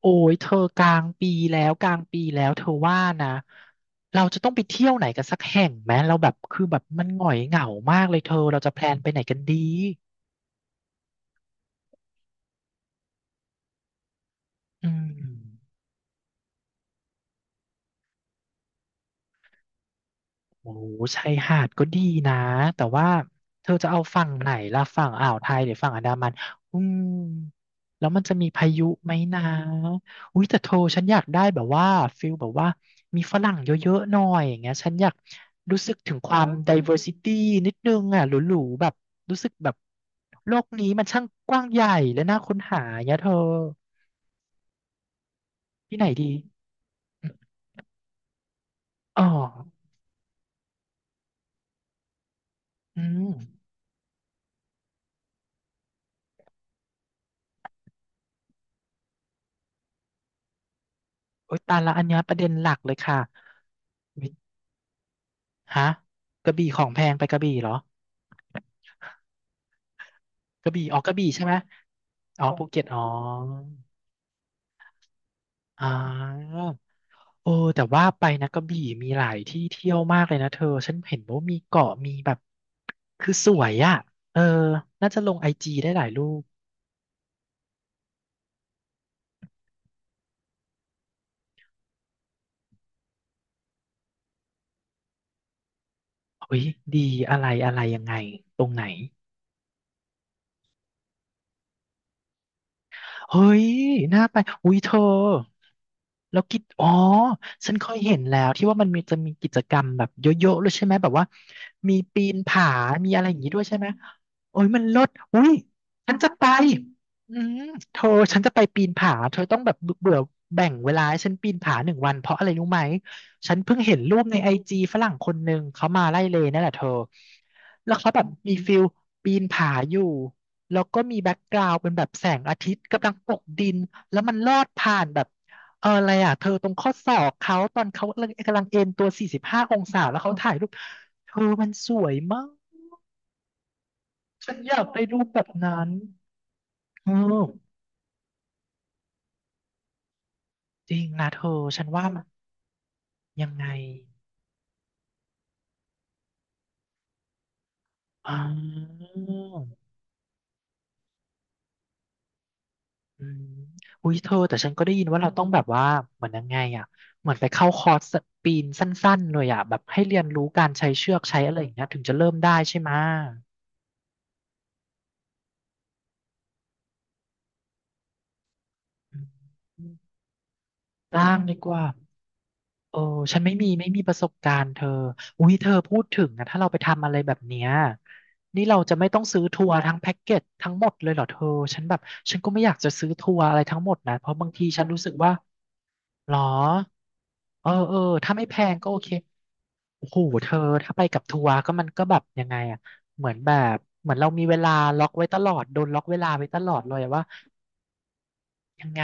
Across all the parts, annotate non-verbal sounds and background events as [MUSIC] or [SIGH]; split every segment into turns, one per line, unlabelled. โอ้ยเธอกลางปีแล้วกลางปีแล้วเธอว่านะเราจะต้องไปเที่ยวไหนกันสักแห่งไหมเราแบบคือแบบมันหงอยเหงามากเลยเธอเราจะแพลนไปไหนกันดีอืม โอ้ชายหาดก็ดีนะแต่ว่าเธอจะเอาฝั่งไหนล่ะฝั่งอ่าวไทยหรือฝั่งอันดามันอืมแล้วมันจะมีพายุไหมนะอุ้ยแต่เธอฉันอยากได้แบบว่าฟิลแบบว่ามีฝรั่งเยอะๆหน่อยอย่างเงี้ยฉันอยากรู้สึกถึงความ diversity นิดนึงอ่ะหรูๆแบบรู้สึกแบบโลกนี้มันช่างกว้างใหญ่และน่าค้นหาอย่างเงี้ยเธอที่ไหนดีอ๋ออืมโอ๊ยตายละอันเนี้ยประเด็นหลักเลยค่ะ ฮะกระบี่ของแพงไปกระบี่เหรอกระบี่อ๋อกระบี่ใช่ไหมอ๋อภูเก็ตอ๋ออ่าโอ้แต่ว่าไปนะกระบี่มีหลายที่เที่ยวมากเลยนะเธอฉันเห็นว่ามีเกาะมีแบบคือสวยอ่ะเออน่าจะลงไอจีได้หลายรูปเฮ้ยดีอะไรอะไรยังไงตรงไหน เฮ้ยน่าไปอุ้ยเธอแล้วกิจอ๋อฉันเคยเห็นแล้วที่ว่ามันมีจะมีกิจกรรมแบบเยอะๆเลยใช่ไหมแบบว่ามีปีนผา มีอะไรอย่างงี้ด้วยใช่ไหมโอ้ยมันเลดอุ้ยฉันจะไปอืมเธอฉันจะไปปีนผาเธอต้องแบบเบื่อแบ่งเวลาให้ฉันปีนผาหนึ่งวันเพราะอะไรรู้ไหมฉันเพิ่งเห็นรูปในไอจีฝรั่งคนหนึ่งเขามาไล่เลยนั่นแหละเธอ แล้วเขาแบบมีฟิลปีนผาอยู่ แล้วก็มีแบ็กกราวด์เป็นแบบแสงอาทิตย์กำลังตกดิน แล้วมันลอดผ่านแบบอะไรอ่ะเธอตรงข้อศอกเขาตอนเขากำลังเอนตัว 45 องศาแล้วเขาถ่ายรูป เธอมันสวยมาก ฉันอยากไปรูปแบบนั้นเออจริงนะเธอ ฉันว่ามันยังไงออ อืมอุ้ยเธอแต่ฉันก็ได้ยินว่าเราต้องแบบว่าเหมือนยังไงอ่ะเหมือนไปเข้าคอร์สปีนสั้นๆเลยอ่ะแบบให้เรียนรู้การใช้เชือกใช้อะไรอย่างเงี้ยถึงจะเริ่มได้ใช่ไหมะอืมร่างดีกว่าเออฉันไม่มีไม่มีประสบการณ์เธออุ้ยเธอพูดถึงนะถ้าเราไปทำอะไรแบบเนี้ยนี่เราจะไม่ต้องซื้อทัวร์ทั้งแพ็กเกจทั้งหมดเลยเหรอเธอฉันแบบฉันก็ไม่อยากจะซื้อทัวร์อะไรทั้งหมดนะเพราะบางทีฉันรู้สึกว่า หรอเออเออถ้าไม่แพงก็โอเคโอ้โหเธอถ้าไปกับทัวร์ก็มันก็แบบยังไงอ่ะเหมือนแบบเหมือนเรามีเวลาล็อกไว้ตลอดโดนล็อกเวลาไว้ตลอดเลยอะว่ายังไง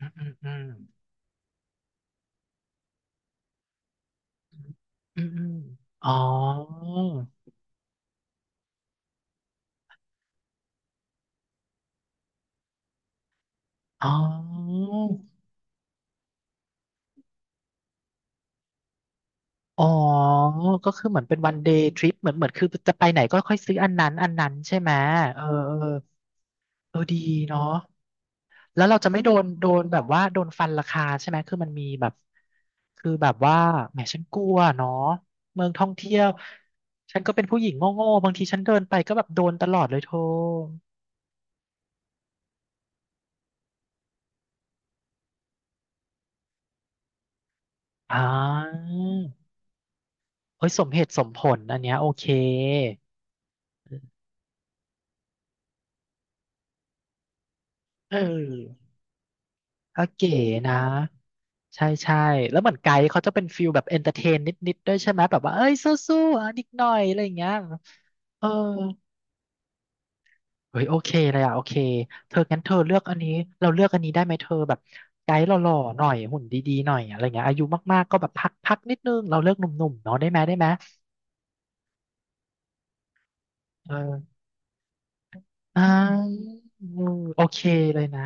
อืมอืมอืมอืมอืมอ๋ออ๋ออ๋อก็คือเหมือนเป็นวันเดย์ทริปเหมือนเหมือนคือจะไปไหนก็ค่อยซื้ออันนั้นอันนั้นใช่ไหม เออ เออเออดีเนาะ แล้วเราจะไม่โดนโดนแบบว่าโดนฟันราคาใช่ไหมคือมันมีแบบคือแบบว่าแหมฉันกลัวเนาะเมืองท่องเที่ยวฉันก็เป็นผู้หญิงโง่ๆบางทีฉันเดินไปก็แบบโดนตลอดเลยโท่อ่าเอ้ยสมเหตุสมผลอันเนี้ยโอเคเออก็เก๋นะใช่ใช่แล้วเหมือนไกด์เขาจะเป็นฟิลแบบเอนเตอร์เทนนิดๆด้วยใช่ไหมแบบว่าเอ้ยสู้ๆอ่ะนิดหน่อยอะไรอย่างเงี้ยเออ เฮ้ยโอเคเลยอะโอเคเธองั้นเธอเลือกอันนี้เราเลือกอันนี้ได้ไหมเธอแบบไกด์หล่อๆหน่อยหุ่นดีๆหน่อยอะไรเงี้ยอายุมากๆก็แบบพักพักนิดนึงเราเลือกหนุ่มๆเนาะได้ไหมได้ไหมเอออ่าอืมโอเคเลยนะ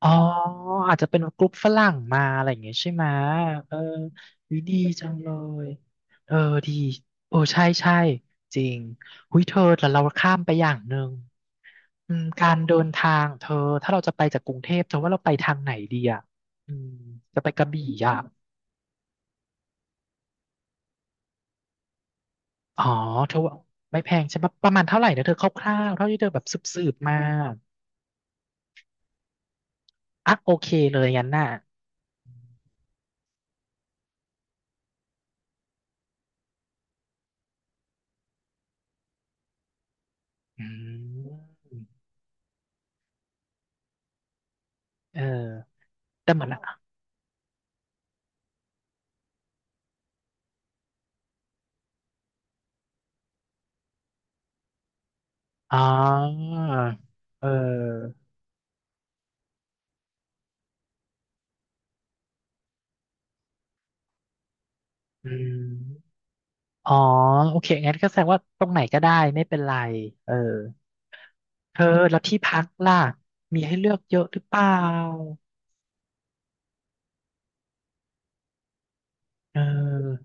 อ๋ออาจจะเป็นกลุ่มฝรั่งมาอะไรอย่างเงี้ยใช่ไหมเออวิดีจังเลยเออดีโอ้ใช่ใช่จริงหุยเธอแต่เราข้ามไปอย่างหนึ่งอืมการเดินทางเธอถ้าเราจะไปจากกรุงเทพเธอว่าเราไปทางไหนดีอ่ะอืมจะไปกระบี่อ่ะอ๋อเธอว่าไม่แพงใช่ปะประมาณเท่าไหร่นะเธอคร่าวๆเท่าที่เธอแบบสืบๆมาอ่ะโอเคเลยงั้นน่ะอืมเออแต่เหมือน อ๋อเอออืมอ๋อโอเคงั้นก็แสดงว่าตรงไหนก็ได้ไม่เป็นไรเออเธอแล้วที่พักล่ะมีให้เลือกเยอะหรือเปล่าเออ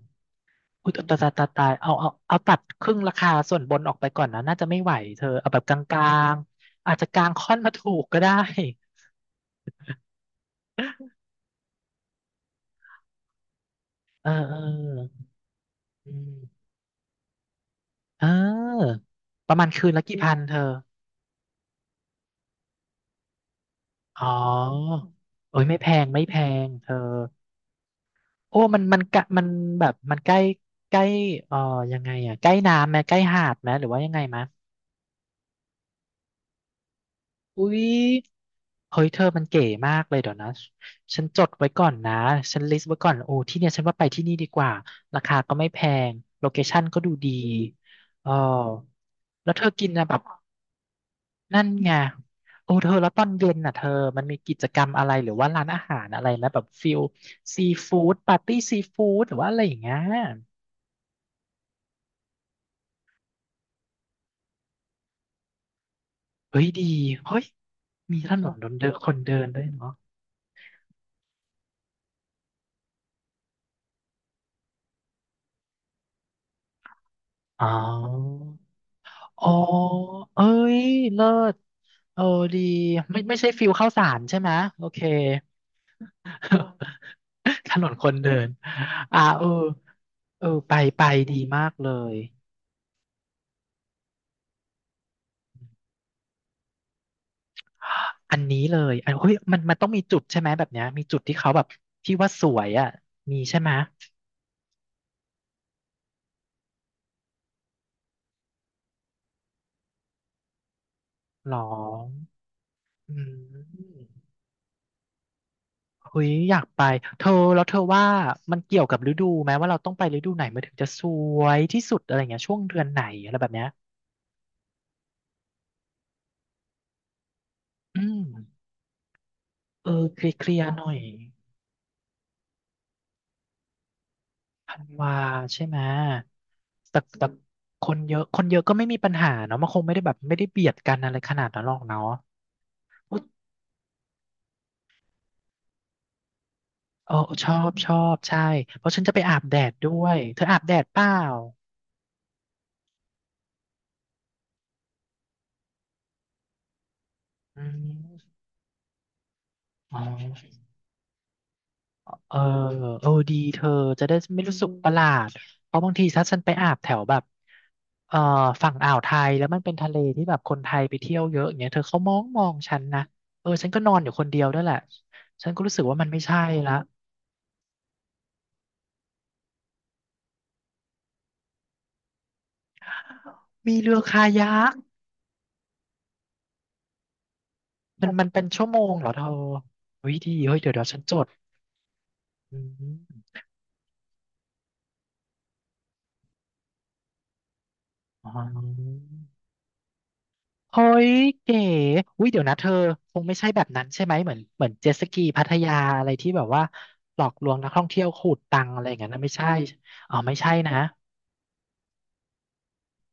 อุยตายตายตายตายเอาเอาเอาตัดครึ่งราคาส่วนบนออกไปก่อนนะน่าจะไม่ไหวเธอเอาแบบกลางๆอาจจะกลางค่อนมาถูกก็ได้เออเอออืมเออประมาณคืนละกี่พันเธออ๋อเอ้ยไม่แพงไม่แพงเธอ โอ้มันแบบมันใกล้ใกล้เอ่อยังไงอ่ะใกล้น้ำไหมใกล้หาดไหมหรือว่ายังไงมะอุ้ยเฮ้ยเธอมันเก๋มากเลยเดี๋ยวนะฉันจดไว้ก่อนนะฉันลิสต์ไว้ก่อนโอ้ที่เนี่ยฉันว่าไปที่นี่ดีกว่าราคาก็ไม่แพงโลเคชั่นก็ดูดีเออแล้วเธอกินนะแบบนั่นไงโอ้เธอแล้วตอนเย็นน่ะเธอมันมีกิจกรรมอะไรหรือว่าร้านอาหารอะไรไหมแบบฟิลซีฟู้ดปาร์ตี้ซีฟู้ดหรือว่าอะไรอย่างเงี้ย เฮ้ยดีเฮ้ยมีถนนคนเดินด้วยเนาะอ๋ออ๋อเอ้ยเลิศเออดีไม่ใช่ฟิลข้าวสารใช่ไหมโอเค [LAUGHS] ถนนคนเดินอ่าเออเออไปไปดีมากเลยอันนี้เลยอันเฮ้ยมันต้องมีจุดใช่ไหมแบบเนี้ยมีจุดที่เขาแบบที่ว่าสวยอ่ะมีใช่ไหมหรออืม เฮ้ยอยากไปเธอแล้วเธอว่ามันเกี่ยวกับฤดูไหมว่าเราต้องไปฤดูไหนมันถึงจะสวยที่สุดอะไรเงี้ยช่วงเดือนไหนอะไรแบบเนี้ยอืมเออเคลียร์หน่อยธันวาใช่ไหมแต่คนเยอะก็ไม่มีปัญหาเนาะมันคงไม่ได้แบบไม่ได้เบียดกันอะไรขนาดนั้นหรอกเนาะอุ๊ยเออชอบใช่เพราะฉันจะไปอาบแดดด้วยเธออาบแดดเปล่าอืมอ๋อ เออเออดีเธอจะได้ไม่อรู้สึกประหลาดเพราะบางทีถ้าฉันไปอาบแถวแบบเอ่อฝั่งอ่าวไทยแล้วมันเป็นทะเลที่แบบคนไทยไปเที่ยวเยอะอย่างเงี้ยเธอเขามองฉันนะเออฉันก็นอนอยู่คนเดียวด้วยแหละฉันก็รู้สึกว่ามันไม่ใช่ละมีเรือคายักมันเป็นชั่วโมงเหรอเธอเฮ้ยดีเฮ้ยเดี๋ยวฉันจดอืมอ๋อ เฮ้ยเก๋อุ้ยเดี๋ยวนะเธอคงไม่ใช่แบบนั้นใช่ไหมเหมือนเจ็ตสกีพัทยาอะไรที่แบบว่าหลอกลวงนักท่องเที่ยวขูดตังค์อะไรอย่างนั้นนะไม่ใช่อ๋อไม่ใช่นะ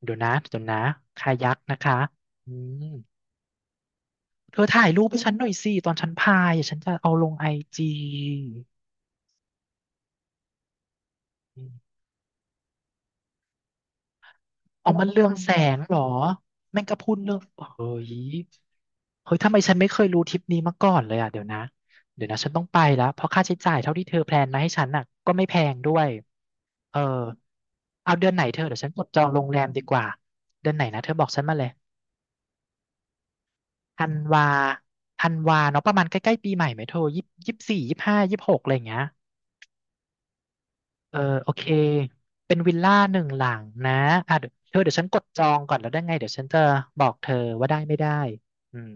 เดี๋ยวนะคายักนะคะอืมเธอถ่ายรูปให้ฉันหน่อยสิตอนฉันพายอ่ะฉันจะเอาลงไอจีอมอ๋อมันเรืองแสงเหรอแม่งก็พูดเรื่องเฮ้ย เฮ้ยทำไมฉันไม่เคยรู้ทริปนี้มาก่อนเลยอ่ะเดี๋ยวนะฉันต้องไปแล้วเพราะค่าใช้จ่ายเท่าที่เธอแพลนมาให้ฉันน่ะก็ไม่แพงด้วยเออเอาเดือนไหนเธอเดี๋ยวฉันกดจองโรงแรมดีกว่าเดือนไหนนะเธอบอกฉันมาเลยธันวาธันวาเนาะประมาณใกล้ๆปีใหม่ไหมเธอยี่สี่ยี่ห้ายี่หกอะไรอย่างเงี้ยเออโอเคเป็นวิลล่าหนึ่งหลังนะอ่ะเดี๋ยวเธอเดี๋ยวฉันกดจองก่อนแล้วได้ไงเดี๋ยวฉันจะบอกเธอว่าได้ไม่ได้อืม